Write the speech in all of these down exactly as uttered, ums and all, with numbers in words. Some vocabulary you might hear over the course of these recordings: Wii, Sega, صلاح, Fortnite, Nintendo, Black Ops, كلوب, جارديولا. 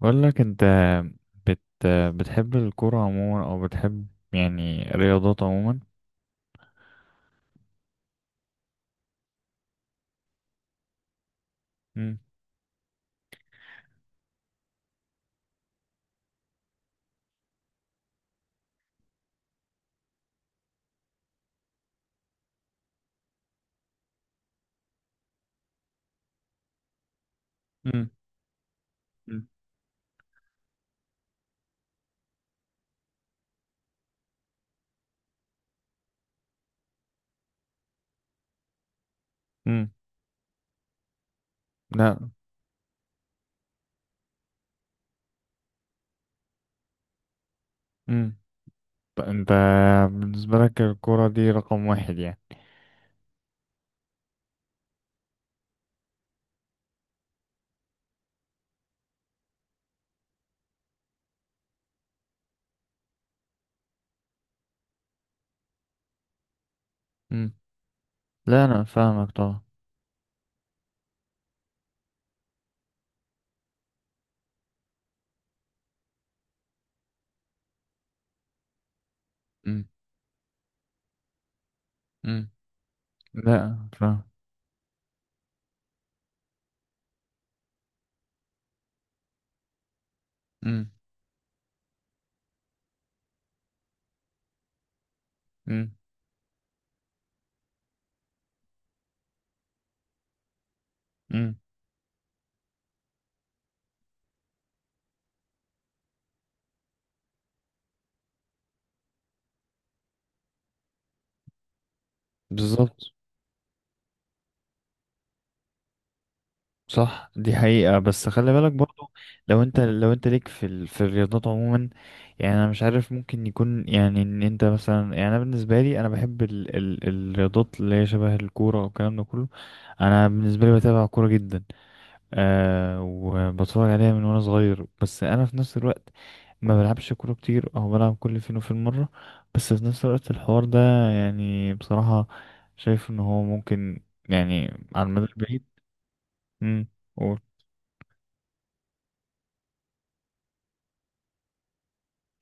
بقول لك انت. بت بتحب الكرة عموما او بتحب يعني رياضات عموما؟ مم. مم. مم. مم. لا. مم. ط- انت، بالنسبة لك الكرة دي رقم واحد يعني؟ مم. لا، انا فاهمك طبعا. مم. مم. لا، فاهم. مم. مم. مم. بالظبط. صح، دي حقيقة بس خلي بالك برضو. لو انت لو انت ليك في ال... في الرياضات عموما، يعني انا مش عارف. ممكن يكون يعني ان انت مثلا، يعني انا بالنسبة لي انا بحب ال... ال... الرياضات اللي هي شبه الكورة والكلام ده كله. انا بالنسبة لي بتابع كورة جدا، آه، وبتفرج عليها من وانا صغير. بس انا في نفس الوقت ما بلعبش كورة كتير او بلعب كل فين وفين مرة. بس في نفس الوقت الحوار ده يعني بصراحة، شايف ان هو ممكن، يعني على المدى البعيد. مم.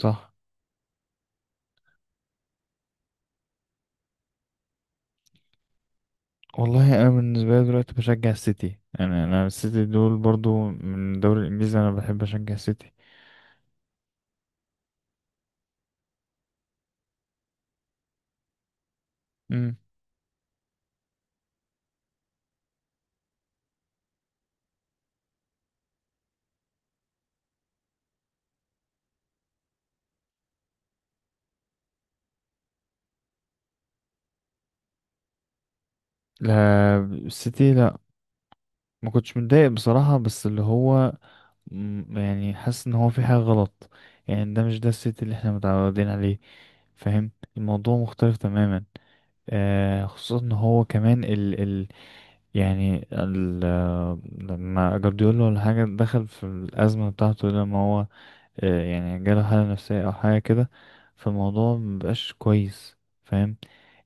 صح. والله انا بالنسبه لي دلوقتي بشجع السيتي. يعني انا السيتي دول برضو من الدوري الانجليزي، انا بحب اشجع السيتي. امم لا، السيتي لا. ما كنتش متضايق بصراحه، بس اللي هو مم، يعني حاسس ان هو في حاجه غلط. يعني ده مش ده السيتي اللي احنا متعودين عليه. فاهم؟ الموضوع مختلف تماما. آه، خصوصا ان هو كمان ال ال يعني ال آه، لما جارديولا ولا حاجه دخل في الازمه بتاعته، لما هو آه، يعني جاله حالة نفسية أو حاجة كده. فالموضوع مبقاش كويس. فاهم؟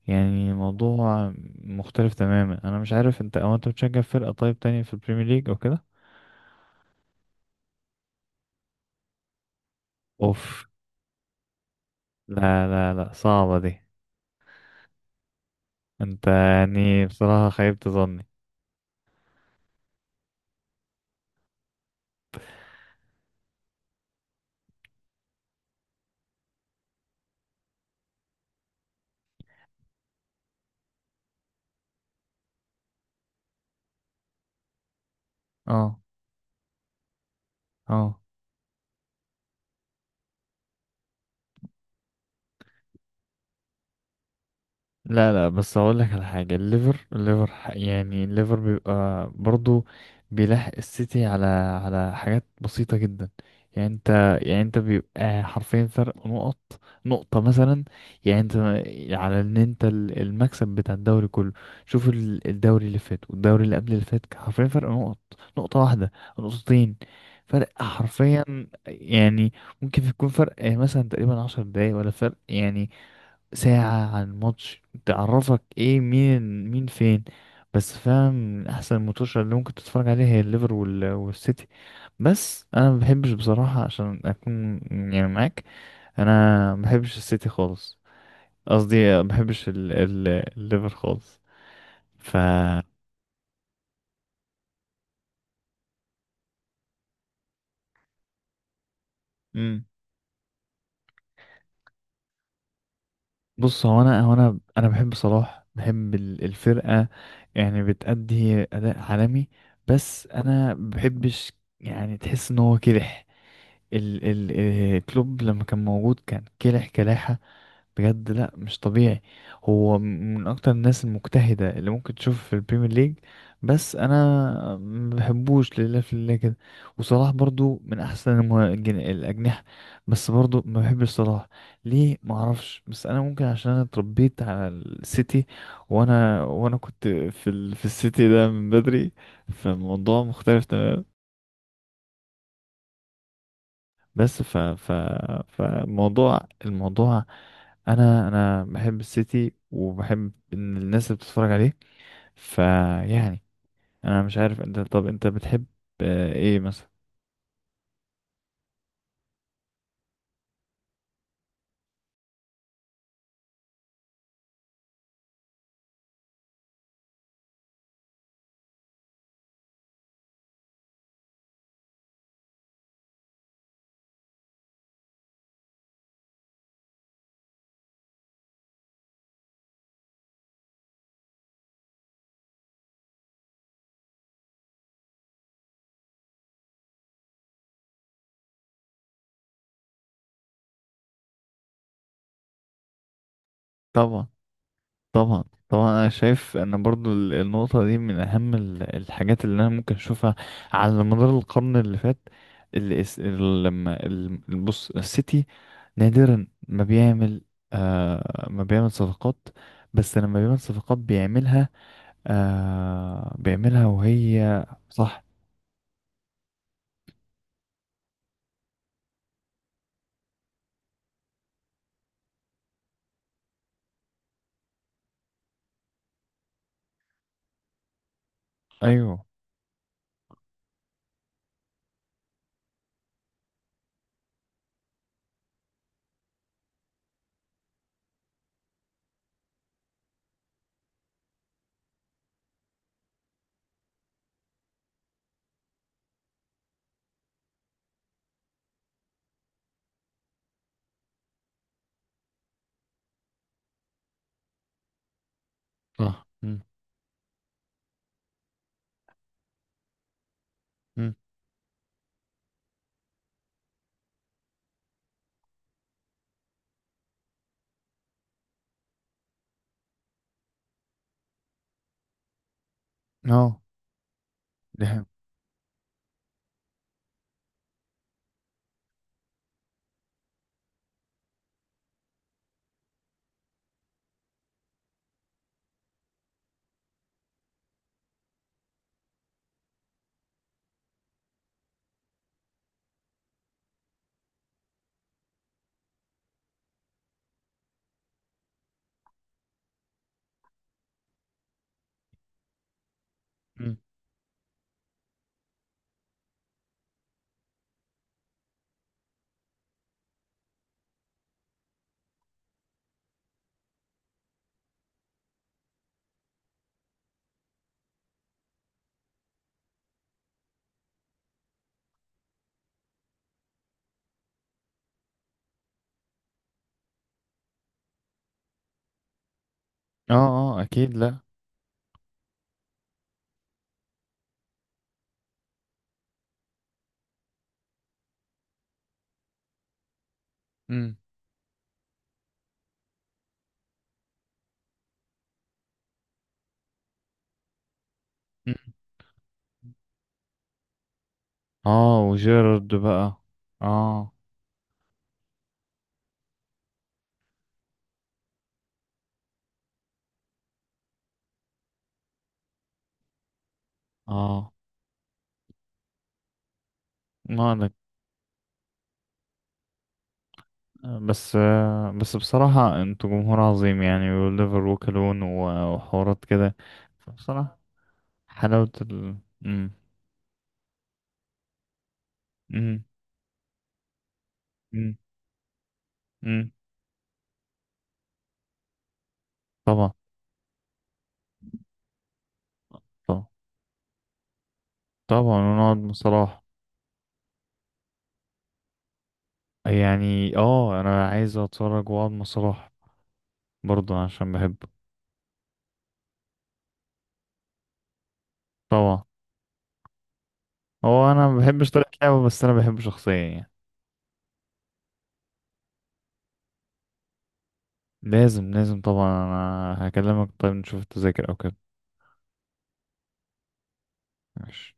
يعني الموضوع مختلف تماما. أنا مش عارف أنت أو أنت بتشجع فرقة طيب تانية في البريمير ليج أو كده؟ أوف. لا لا لا، صعبة دي. أنت يعني بصراحة خيبت ظني. اه. اه. لا لا، بس اقول لك على حاجه. الليفر الليفر ح- يعني الليفر بيبقى برضو بيلاحق السيتي على على حاجات بسيطه جدا. يعني انت يعني انت بيبقى حرفيا فرق نقط. نقطه مثلا. يعني انت على ان انت ال- المكسب بتاع الدوري كله. شوف ال- الدوري اللي فات والدوري اللي قبل اللي فات كان حرفيا فرق نقط. نقطه واحده، نقطتين، فرق حرفيا. يعني ممكن يكون فرق مثلا تقريبا عشر دقايق ولا فرق، يعني ساعة. عن ماتش تعرفك ايه مين مين فين. بس فاهم، من احسن الماتشات اللي ممكن تتفرج عليها هي الليفر وال- والسيتي. بس انا ما بحبش بصراحة عشان اكون يعني معاك. انا ما بحبش السيتي خالص. قصدي ما بحبش ال- ال- الليفر خالص. ف مم. بص، هو انا هو انا انا بحب صلاح، بحب ال- الفرقة. يعني بتأدي اداء عالمي. بس انا ما بحبش. يعني تحس ان هو كده ال ال آه، كلوب لما كان موجود كان كلح كلاحة بجد. لا، مش طبيعي. هو من اكتر الناس المجتهدة اللي ممكن تشوف في البريمير ليج. بس انا ما بحبوش، لله في الله كده. وصلاح برضو من احسن المه- الجن- الاجنحة. بس برضو ما بحبش صلاح. ليه؟ ما اعرفش. بس انا ممكن عشان انا اتربيت على السيتي. وانا وانا كنت في ال في السيتي ده من بدري. فالموضوع مختلف تماما. بس ف ف فموضوع الموضوع، انا انا بحب السيتي وبحب إن الناس اللي بتتفرج عليه. فيعني انا مش عارف انت. طب انت بتحب آه، ايه مثلا؟ طبعا، طبعا، طبعا. انا شايف ان برضو ال- النقطة دي من اهم ال- الحاجات اللي انا ممكن اشوفها على مدار القرن اللي فات. اللي اس- ال- لما ال- بص، السيتي نادرا ما بيعمل آه ما بيعمل صفقات. بس لما بيعمل صفقات بيعملها آه بيعملها وهي صح. ايوه. صح. مم. مم. اه. ده. مم. اه. اه، اكيد لا. مم. مم. اه، وجيرارد بقى. اه. اه. ما لك. بس آه بس بصراحة انتوا جمهور عظيم، يعني وليفر وكلون و- وحوارات كده. بصراحة حلاوة ال مم. مم. مم. مم. طبعا. طبعا. طبعا، ونقعد مع صلاح. يعني اه انا عايز اتفرج واقعد مع صلاح برضه عشان بحبه. طبعا. هو انا ما بحبش طريقة لعبه، بس انا بحبه شخصيا يعني. لازم، لازم طبعا. انا هكلمك، طيب نشوف التذاكر او كده. ماشي.